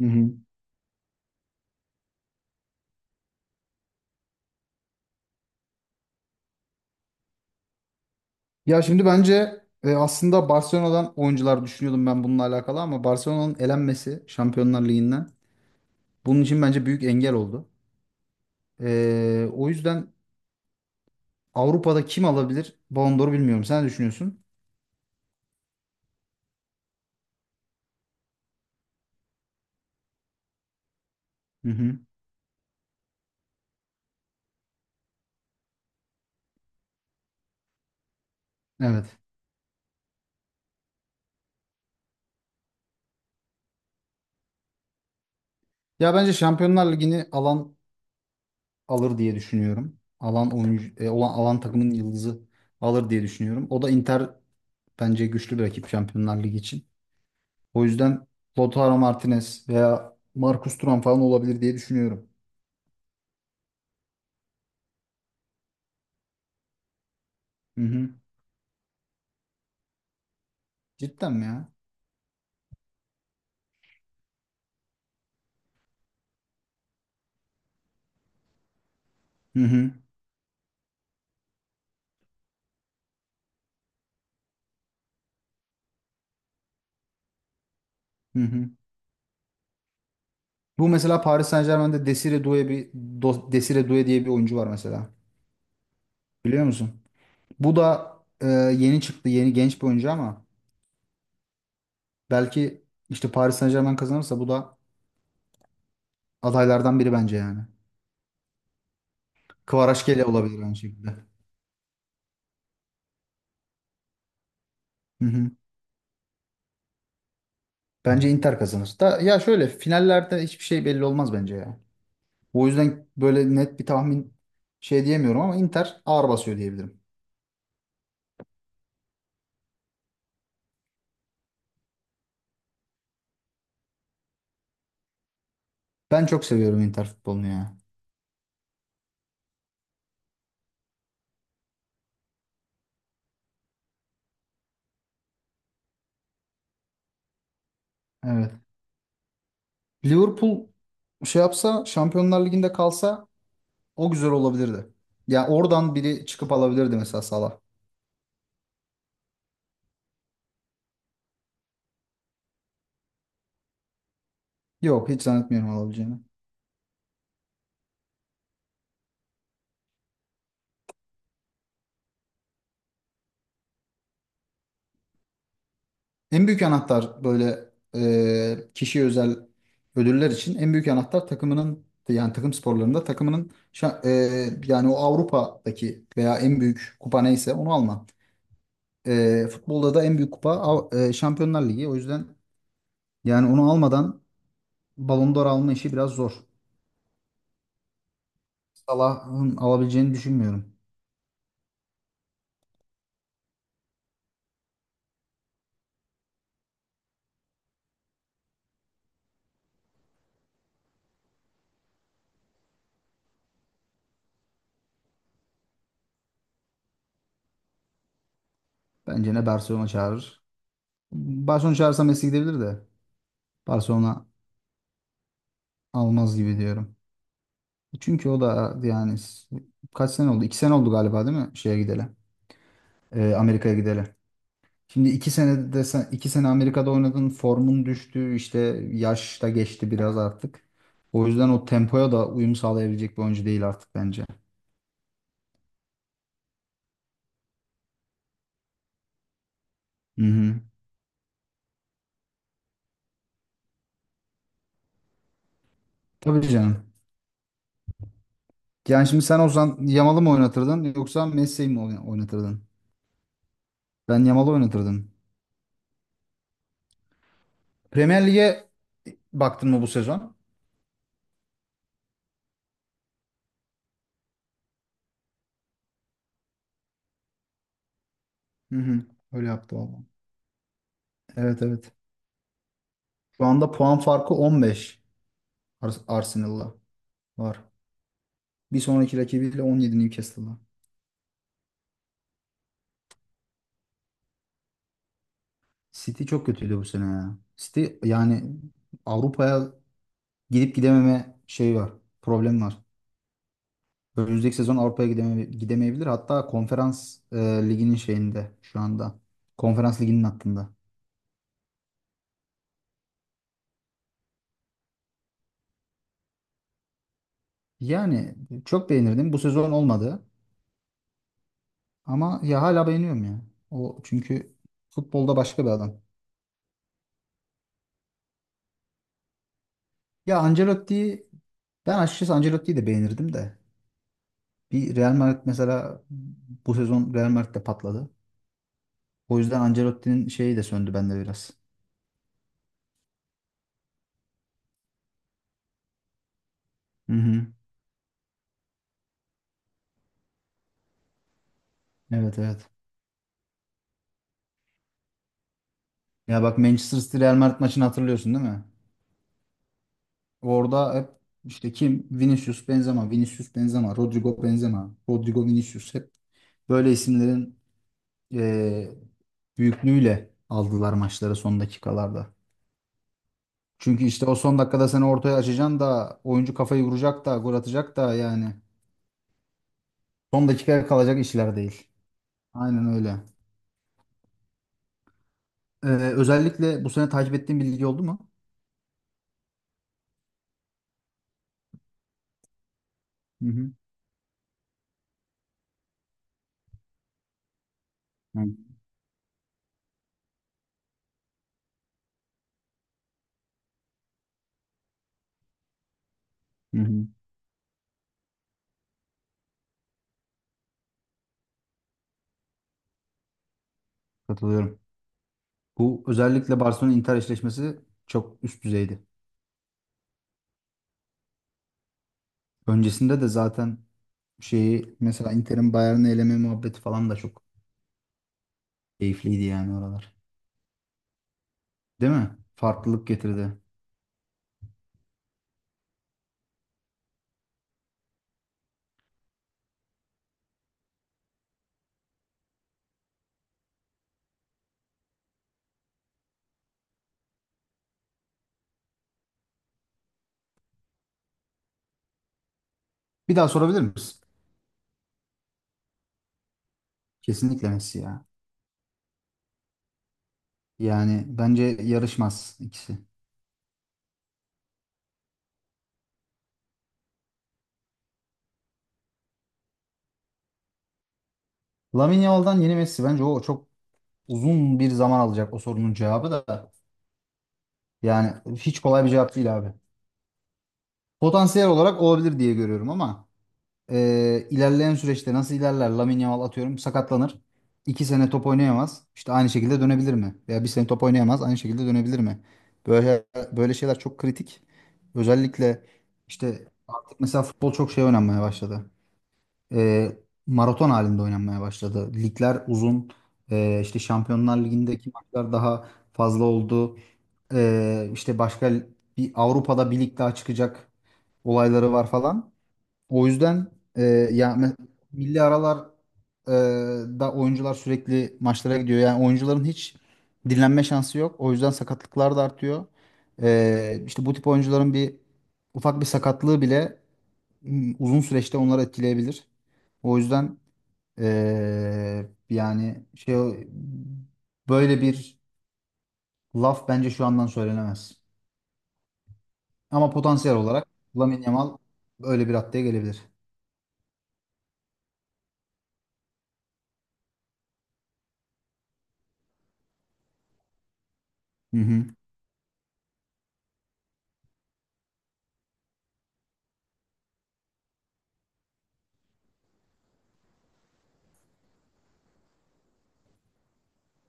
Hı hı. Ya şimdi bence aslında Barcelona'dan oyuncular düşünüyordum ben bununla alakalı ama Barcelona'nın elenmesi Şampiyonlar Ligi'nden bunun için bence büyük engel oldu. O yüzden Avrupa'da kim alabilir Ballon d'Or'u, bilmiyorum. Sen ne düşünüyorsun? Hı hı. Evet. Ya bence Şampiyonlar Ligi'ni alan alır diye düşünüyorum. Alan oyuncu olan, alan takımın yıldızı alır diye düşünüyorum. O da Inter, bence güçlü bir rakip Şampiyonlar Ligi için. O yüzden Lautaro Martinez veya Marcus Thuram falan olabilir diye düşünüyorum. Hı hı. Cidden mi ya? Hı hı. Hı hı. Bu mesela Paris Saint-Germain'de Desire Doué diye bir oyuncu var mesela. Biliyor musun? Bu da yeni çıktı, yeni genç bir oyuncu ama belki işte Paris Saint-Germain kazanırsa bu da adaylardan biri bence yani. Kvaratskhelia olabilir aynı şekilde. Hı hı. Bence Inter kazanır. Da, ya şöyle finallerde hiçbir şey belli olmaz bence ya. O yüzden böyle net bir tahmin şey diyemiyorum ama Inter ağır basıyor diyebilirim. Ben çok seviyorum Inter futbolunu ya. Evet. Liverpool şey yapsa, Şampiyonlar Ligi'nde kalsa, o güzel olabilirdi. Ya oradan biri çıkıp alabilirdi, mesela Salah. Yok, hiç zannetmiyorum alabileceğini. En büyük anahtar böyle kişiye özel ödüller için en büyük anahtar takımının, yani takım sporlarında takımının yani o Avrupa'daki veya en büyük kupa neyse onu alma. Futbolda da en büyük kupa Şampiyonlar Ligi. O yüzden yani onu almadan Ballon d'Or alma işi biraz zor. Salah'ın alabileceğini düşünmüyorum. Bence ne Barcelona çağırır. Barcelona çağırsa Messi gidebilir de, Barcelona almaz gibi diyorum. Çünkü o da yani kaç sene oldu? 2 sene oldu galiba, değil mi? Şeye gidelim. Amerika'ya gidelim. Şimdi 2 sene desen, 2 sene Amerika'da oynadın. Formun düştü. İşte yaş da geçti biraz artık. O yüzden o tempoya da uyum sağlayabilecek bir oyuncu değil artık bence. Hı hı. Tabii canım. Yani şimdi sen olsan Yamal'ı mı oynatırdın yoksa Messi'yi mi oynatırdın? Ben Yamal'ı oynatırdım. Premier Lig'e baktın mı bu sezon? Hı hı. Öyle yaptı valla. Evet, evet. Şu anda puan farkı 15, Arsenal'la var. Bir sonraki rakibiyle 17, Newcastle'la. City çok kötüydü bu sene ya. City yani Avrupa'ya gidip gidememe şey var. Problem var. Önümüzdeki sezon Avrupa'ya gidemeyebilir. Hatta konferans liginin şeyinde şu anda. Konferans liginin hattında. Yani çok beğenirdim. Bu sezon olmadı. Ama ya hala beğeniyorum ya. O çünkü futbolda başka bir adam. Ya Ancelotti'yi ben açıkçası Ancelotti'yi de beğenirdim de. Bir Real Madrid mesela bu sezon Real Madrid'de patladı. O yüzden Ancelotti'nin şeyi de söndü bende biraz. Hı hı. Evet, evet. Ya bak, Manchester City Real Madrid maçını hatırlıyorsun değil mi? Orada hep işte kim? Vinicius Benzema, Vinicius Benzema, Rodrigo Benzema, Rodrigo Vinicius, hep böyle isimlerin eee büyüklüğüyle aldılar maçları son dakikalarda. Çünkü işte o son dakikada seni ortaya açacaksın da oyuncu kafayı vuracak da gol atacak da, yani son dakikaya kalacak işler değil. Aynen öyle. Ee, Özellikle bu sene takip ettiğin bir lig oldu mu? Hı hı. Hı hı. Hı. Katılıyorum. Bu özellikle Barcelona Inter eşleşmesi çok üst düzeydi. Öncesinde de zaten şeyi mesela Inter'in Bayern'i eleme muhabbeti falan da çok keyifliydi, yani oralar. Değil mi? Farklılık getirdi. Bir daha sorabilir misin? Kesinlikle Messi ya. Yani bence yarışmaz ikisi. Lamine Yamal'dan yeni Messi, bence o çok uzun bir zaman alacak, o sorunun cevabı da. Yani hiç kolay bir cevap değil abi. Potansiyel olarak olabilir diye görüyorum ama ilerleyen süreçte nasıl ilerler? Lamine Yamal atıyorum sakatlanır. 2 sene top oynayamaz. İşte aynı şekilde dönebilir mi? Veya bir sene top oynayamaz, aynı şekilde dönebilir mi? Böyle böyle şeyler çok kritik. Özellikle işte artık mesela futbol çok şey oynanmaya başladı. e, Maraton halinde oynanmaya başladı. Ligler uzun. İşte Şampiyonlar Ligi'ndeki maçlar daha fazla oldu. İşte başka bir Avrupa'da bir lig daha çıkacak olayları var falan. O yüzden ya milli aralar e, da oyuncular sürekli maçlara gidiyor. Yani oyuncuların hiç dinlenme şansı yok. O yüzden sakatlıklar da artıyor. İşte bu tip oyuncuların bir ufak bir sakatlığı bile uzun süreçte onları etkileyebilir. O yüzden yani şey, böyle bir laf bence şu andan söylenemez. Ama potansiyel olarak Lamine Yamal öyle bir raddeye gelebilir. Hı hı.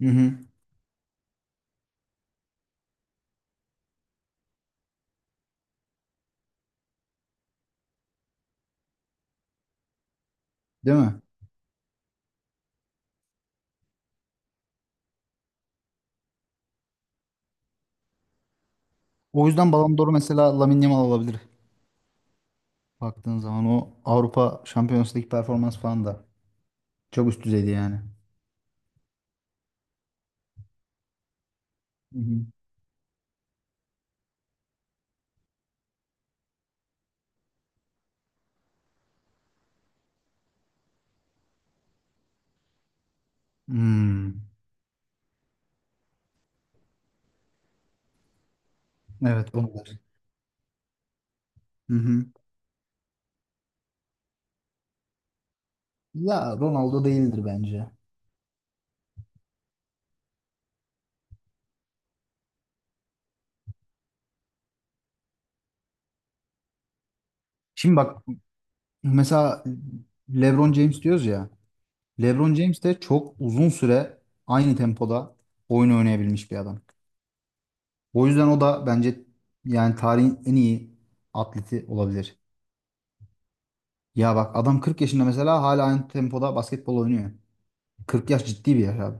Hı hı. Değil mi? O yüzden Ballon d'Or'u mesela Lamine Yamal alabilir. Baktığın zaman o Avrupa Şampiyonası Ligi performans falan da çok üst düzeydi yani. Hı hı. Hmm. Evet, onu var. Hı hı. Ya Ronaldo değildir bence. Şimdi bak, mesela LeBron James diyoruz ya. LeBron James de çok uzun süre aynı tempoda oyun oynayabilmiş bir adam. O yüzden o da bence yani tarihin en iyi atleti olabilir. Ya bak, adam 40 yaşında mesela, hala aynı tempoda basketbol oynuyor. 40 yaş ciddi bir yaş abi.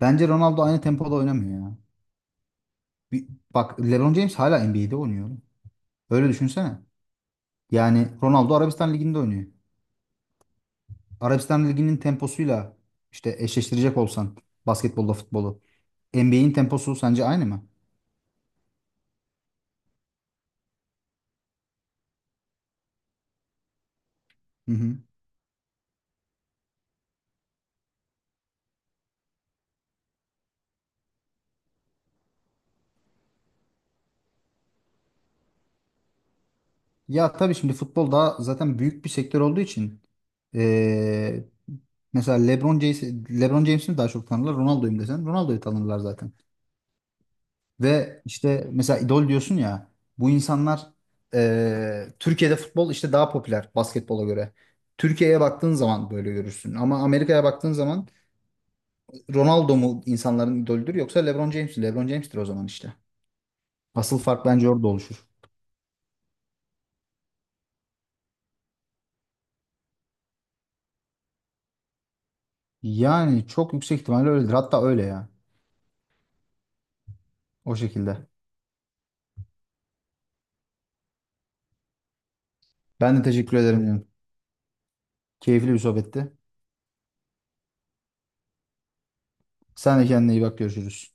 Bence Ronaldo aynı tempoda oynamıyor ya. Bir- Bak, LeBron James hala NBA'de oynuyor. Öyle düşünsene. Yani Ronaldo Arabistan Ligi'nde oynuyor. Arabistan Ligi'nin temposuyla işte eşleştirecek olsan basketbolla futbolu, NBA'in temposu sence aynı mı? Hı hı. Ya tabii şimdi futbol daha zaten büyük bir sektör olduğu için ee, mesela LeBron James'i daha çok tanırlar. Ronaldo'yum desen Ronaldo'yu tanırlar zaten. Ve işte mesela idol diyorsun ya, bu insanlar Türkiye'de futbol işte daha popüler basketbola göre. Türkiye'ye baktığın zaman böyle görürsün. Ama Amerika'ya baktığın zaman Ronaldo mu insanların idolüdür yoksa LeBron James mi? LeBron James'tir o zaman işte. Asıl fark bence orada oluşur. Yani çok yüksek ihtimalle öyledir. Hatta öyle ya. O şekilde. Ben de teşekkür ederim, canım. Keyifli bir sohbetti. Sen de kendine iyi bak. Görüşürüz.